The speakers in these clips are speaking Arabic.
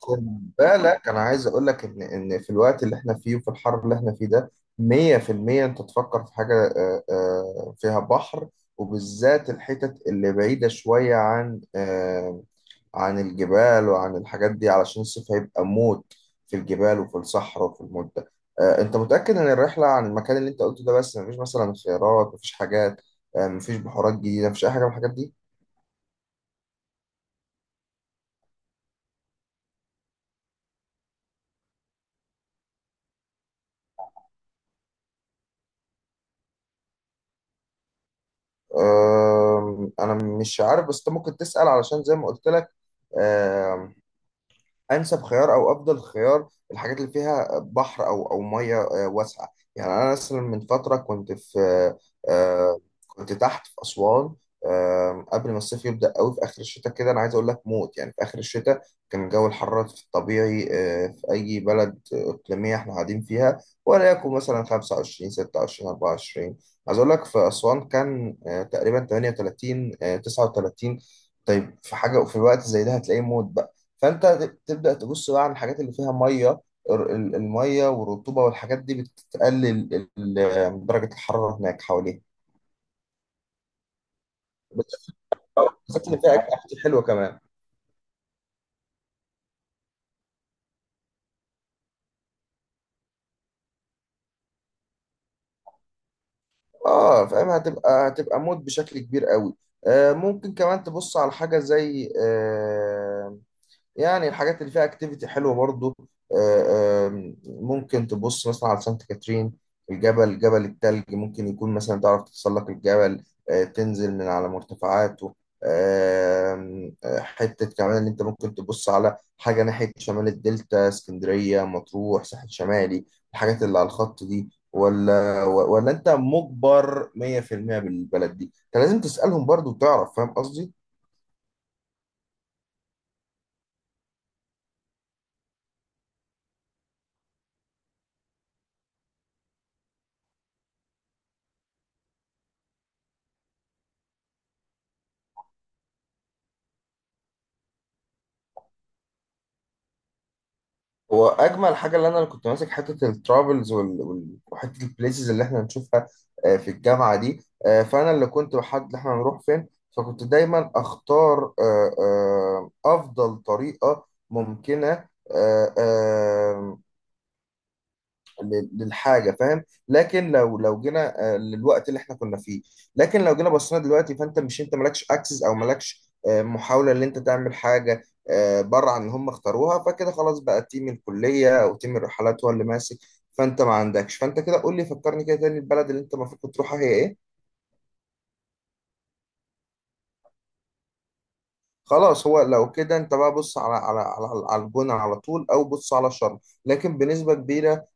خد بالك انا عايز اقول لك ان في الوقت اللي احنا فيه وفي الحر اللي احنا فيه ده 100% انت تفكر في حاجه فيها بحر، وبالذات الحتت اللي بعيده شويه عن عن الجبال وعن الحاجات دي علشان الصيف هيبقى موت في الجبال وفي الصحراء وفي المده. انت متاكد ان الرحله عن المكان اللي انت قلته ده بس؟ مفيش مثلا خيارات؟ مفيش حاجات؟ مفيش بحورات جديده؟ مفيش اي حاجه من الحاجات دي؟ انا مش عارف، بس انت ممكن تسأل، علشان زي ما قلت لك انسب خيار او افضل خيار الحاجات اللي فيها بحر او ميه واسعه. يعني انا مثلا من فتره كنت في آه، كنت تحت في اسوان قبل ما الصيف يبدا قوي في اخر الشتاء، كده انا عايز اقول لك موت يعني. في اخر الشتاء كان جو الحراره في الطبيعي في اي بلد اقليميه احنا قاعدين فيها ولا يكون مثلا 25 26 24، عايز اقول لك في اسوان كان تقريبا 38 39. طيب في حاجه في الوقت زي ده هتلاقيه موت، فانت تبدا تبص بقى على الحاجات اللي فيها ميه. الميه والرطوبه والحاجات دي بتقلل ال- درجه الحراره هناك حواليها. بالذات بالذات ان فيها اكل حلوه كمان. اه فاهم، هتبقى مود بشكل كبير قوي. آه، ممكن كمان تبص على حاجه زي يعني الحاجات اللي فيها اكتيفيتي حلوه برضو. آه، ممكن تبص مثلا على سانت كاترين، الجبل، جبل التلج. ممكن يكون مثلا تعرف تتسلق الجبل، تنزل من على مرتفعاته. حتة كمان اللي انت ممكن تبص على حاجة ناحية شمال الدلتا، اسكندرية، مطروح، ساحل شمالي. الحاجات اللي على الخط دي، ولا انت مجبر 100% بالبلد دي؟ انت لازم تسألهم برضو وتعرف، فاهم قصدي. هو اجمل حاجه اللي انا كنت ماسك حته الترافلز وحته البليسز اللي احنا هنشوفها في الجامعه دي، فانا اللي كنت بحدد احنا هنروح فين. فكنت دايما اختار افضل طريقه ممكنه آه، للحاجه، فاهم. لكن لو جينا للوقت اللي احنا كنا فيه، لكن لو جينا بصينا دلوقتي، فانت مش، انت مالكش اكسس او مالكش محاوله ان انت تعمل حاجه بره عن اللي هم اختاروها، فكده خلاص بقى تيم الكليه او تيم الرحلات هو اللي ماسك، فانت ما عندكش. فانت كده قول لي، فكرني كده تاني، البلد اللي انت المفروض كنت تروحها هي ايه؟ خلاص، هو لو كده انت بقى بص على على الجونة على طول، او بص على شرم لكن بنسبة كبيرة. آه،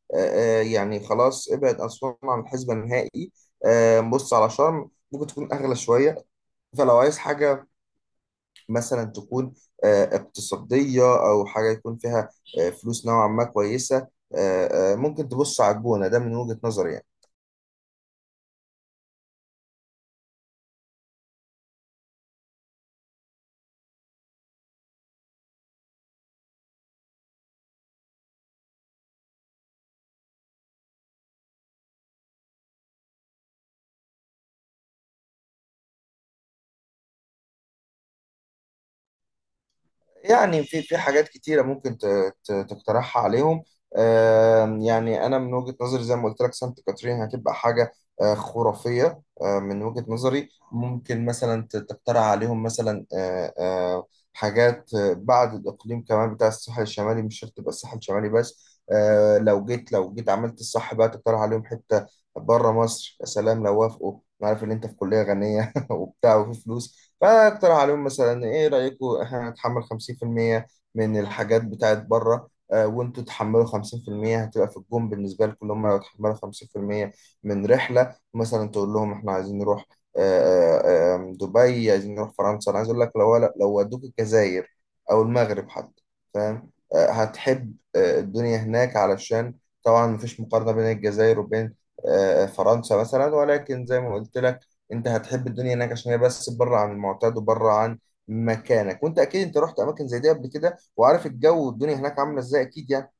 آه، يعني خلاص ابعد اسوان عن الحسبة النهائي. بص على شرم، ممكن تكون اغلى شوية. فلو عايز حاجة مثلا تكون اقتصادية، او حاجة يكون فيها فلوس نوعا ما كويسة، ممكن تبص على الجونة، ده من وجهة نظري يعني. يعني في حاجات كتيرة ممكن تقترحها عليهم. يعني أنا من وجهة نظري زي ما قلت لك، سانت كاترين هتبقى حاجة خرافية. من وجهة نظري ممكن مثلا تقترح عليهم مثلا حاجات بعد الإقليم كمان بتاع الساحل الشمالي، مش شرط تبقى الساحل الشمالي بس. لو جيت عملت الصح بقى تقترح عليهم حتة بره مصر، يا سلام لو وافقوا. أنا عارف إن أنت في كلية غنية وبتاع وفي فلوس، فاقترح عليهم مثلا، ايه رأيكم احنا نتحمل 50% من الحاجات بتاعت بره وانتوا تحملوا 50%؟ هتبقى في الجون بالنسبة لكم، اللي هم لو تحملوا 50% من رحلة. مثلا تقول لهم احنا عايزين نروح آه، آه، آم، دبي، عايزين نروح فرنسا. انا عايز اقول لك لو لو ودوك الجزائر او المغرب حتى، فاهم، هتحب الدنيا هناك. علشان طبعا مفيش مقارنة بين الجزائر وبين فرنسا مثلا، ولكن زي ما قلت انت هتحب الدنيا هناك عشان هي بس بره عن المعتاد وبره عن مكانك، وانت اكيد انت رحت اماكن زي دي قبل كده وعارف الجو والدنيا هناك عامله ازاي اكيد يعني.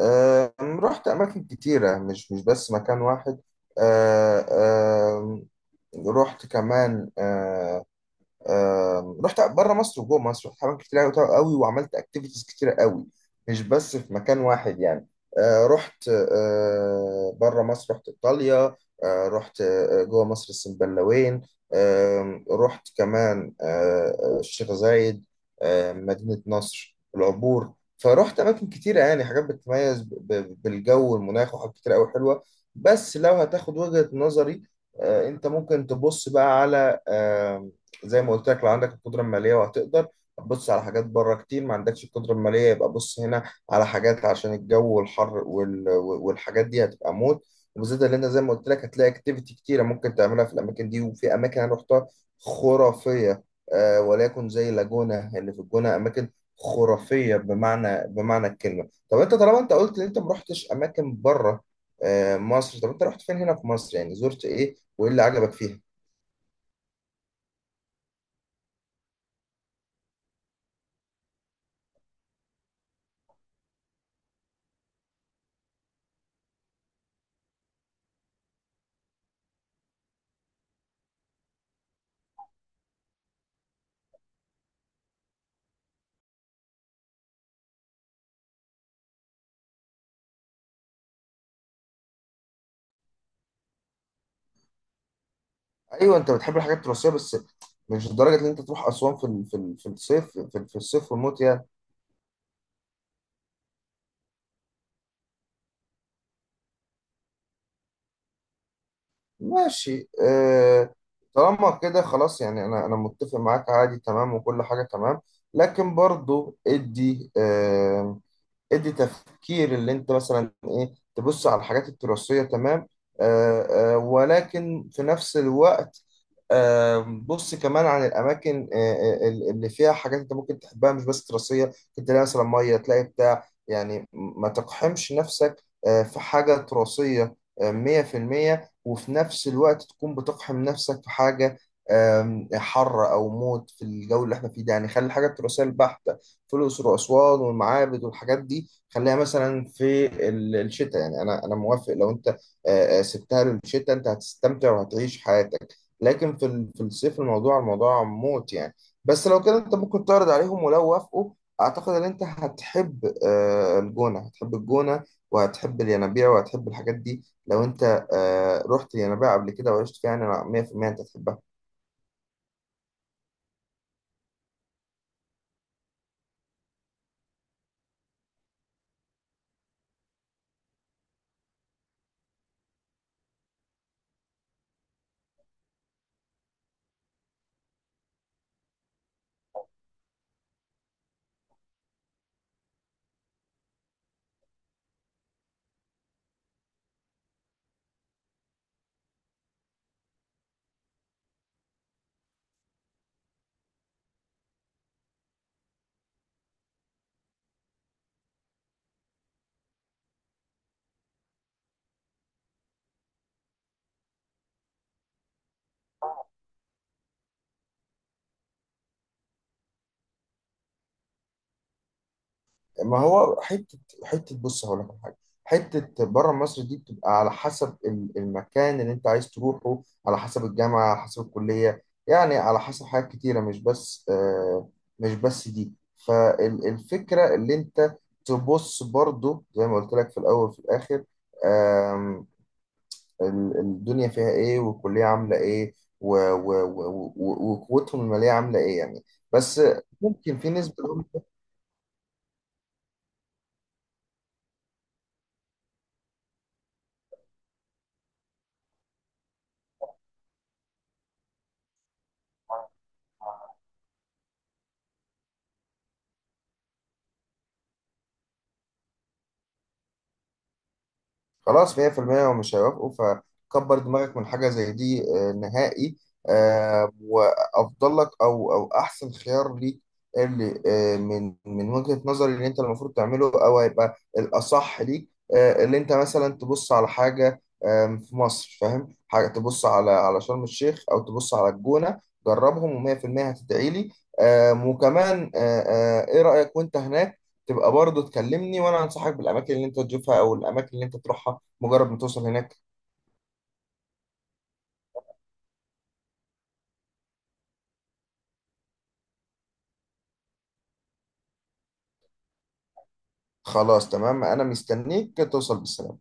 آه رحت اماكن كتيره، مش بس مكان واحد. آه آه رحت كمان رحت بره مصر وجوه مصر، رحت حمامات كتير قوي وعملت اكتيفيتيز كتير قوي، مش بس في مكان واحد يعني. رحت بره مصر، رحت ايطاليا. رحت جوه مصر، السنبلاوين. رحت كمان الشيخ زايد، مدينة نصر، العبور. فرحت اماكن كتيره يعني، حاجات بتتميز بالجو والمناخ وحاجات كتير قوي حلوه. بس لو هتاخد وجهة نظري، انت ممكن تبص بقى على، زي ما قلت لك، لو عندك القدره الماليه وهتقدر بص على حاجات بره كتير، ما عندكش القدره الماليه يبقى بص هنا على حاجات، عشان الجو والحر والحاجات دي هتبقى موت. وبالذات اللي انت زي ما قلت لك هتلاقي اكتيفيتي كتيره ممكن تعملها في الاماكن دي، وفي اماكن انا رحتها خرافيه. آه وليكن زي لاجونا اللي في الجونه، اماكن خرافيه بمعنى الكلمه. طب انت طالما انت قلت ان انت ما رحتش اماكن بره مصر، طب انت رحت فين هنا في مصر؟ يعني زرت ايه، وايه اللي عجبك فيها؟ ايوه انت بتحب الحاجات التراثيه بس، مش لدرجه ان انت تروح اسوان في ال- في ال- في الصيف، في الصيف والموت يعني. ماشي آه، طالما كده خلاص يعني، انا انا متفق معاك، عادي تمام وكل حاجه تمام، لكن برضو ادي ادي تفكير اللي انت مثلا، ايه، تبص على الحاجات التراثية تمام، آه آه، ولكن في نفس الوقت آه بص كمان عن الاماكن اللي فيها حاجات انت ممكن تحبها مش بس تراثية. ممكن تلاقي مثلا مية، تلاقي بتاع، يعني ما تقحمش نفسك في حاجة تراثية آه، 100% وفي نفس الوقت تكون بتقحم نفسك في حاجة حر أو موت في الجو اللي احنا فيه ده، يعني خلي الحاجة التراثية البحتة، فلوس الأسوان والمعابد والحاجات دي خليها مثلا في الشتاء. يعني أنا موافق لو أنت سبتها للشتاء، أنت هتستمتع وهتعيش حياتك، لكن في في الصيف الموضوع، الموضوع موت يعني. بس لو كده أنت ممكن تعرض عليهم، ولو وافقوا أعتقد إن أنت هتحب الجونة، هتحب الجونة وهتحب الينابيع وهتحب الحاجات دي. لو أنت رحت الينابيع قبل كده وعشت فيها، يعني أنا 100% أنت هتحبها. ما هو حته، بص هقول لك على حاجه. حته بره مصر دي بتبقى على حسب المكان اللي انت عايز تروحه، على حسب الجامعه، على حسب الكليه، يعني على حسب حاجات كتيره مش بس مش بس دي. فالفكره اللي انت تبص برضو، زي ما قلت لك، في الاول وفي الاخر آم، الدنيا فيها ايه، والكليه عامله ايه، وقوتهم الماليه عامله ايه يعني. بس ممكن في نسبه. خلاص 100% هو مش هيوافقوا، فكبر دماغك من حاجة زي دي نهائي. وأفضل لك أو أحسن خيار ليك اللي من وجهة نظري، اللي أنت المفروض تعمله أو هيبقى الأصح ليك، اللي أنت مثلا تبص على حاجة في مصر، فاهم، حاجة تبص على شرم الشيخ أو تبص على الجونة. جربهم و100% هتدعي لي. وكمان إيه رأيك؟ وأنت هناك تبقى برضه تكلمني، وانا انصحك بالاماكن اللي انت تشوفها او الاماكن اللي انت تروحها مجرد ما توصل هناك. خلاص تمام انا مستنيك توصل بالسلامة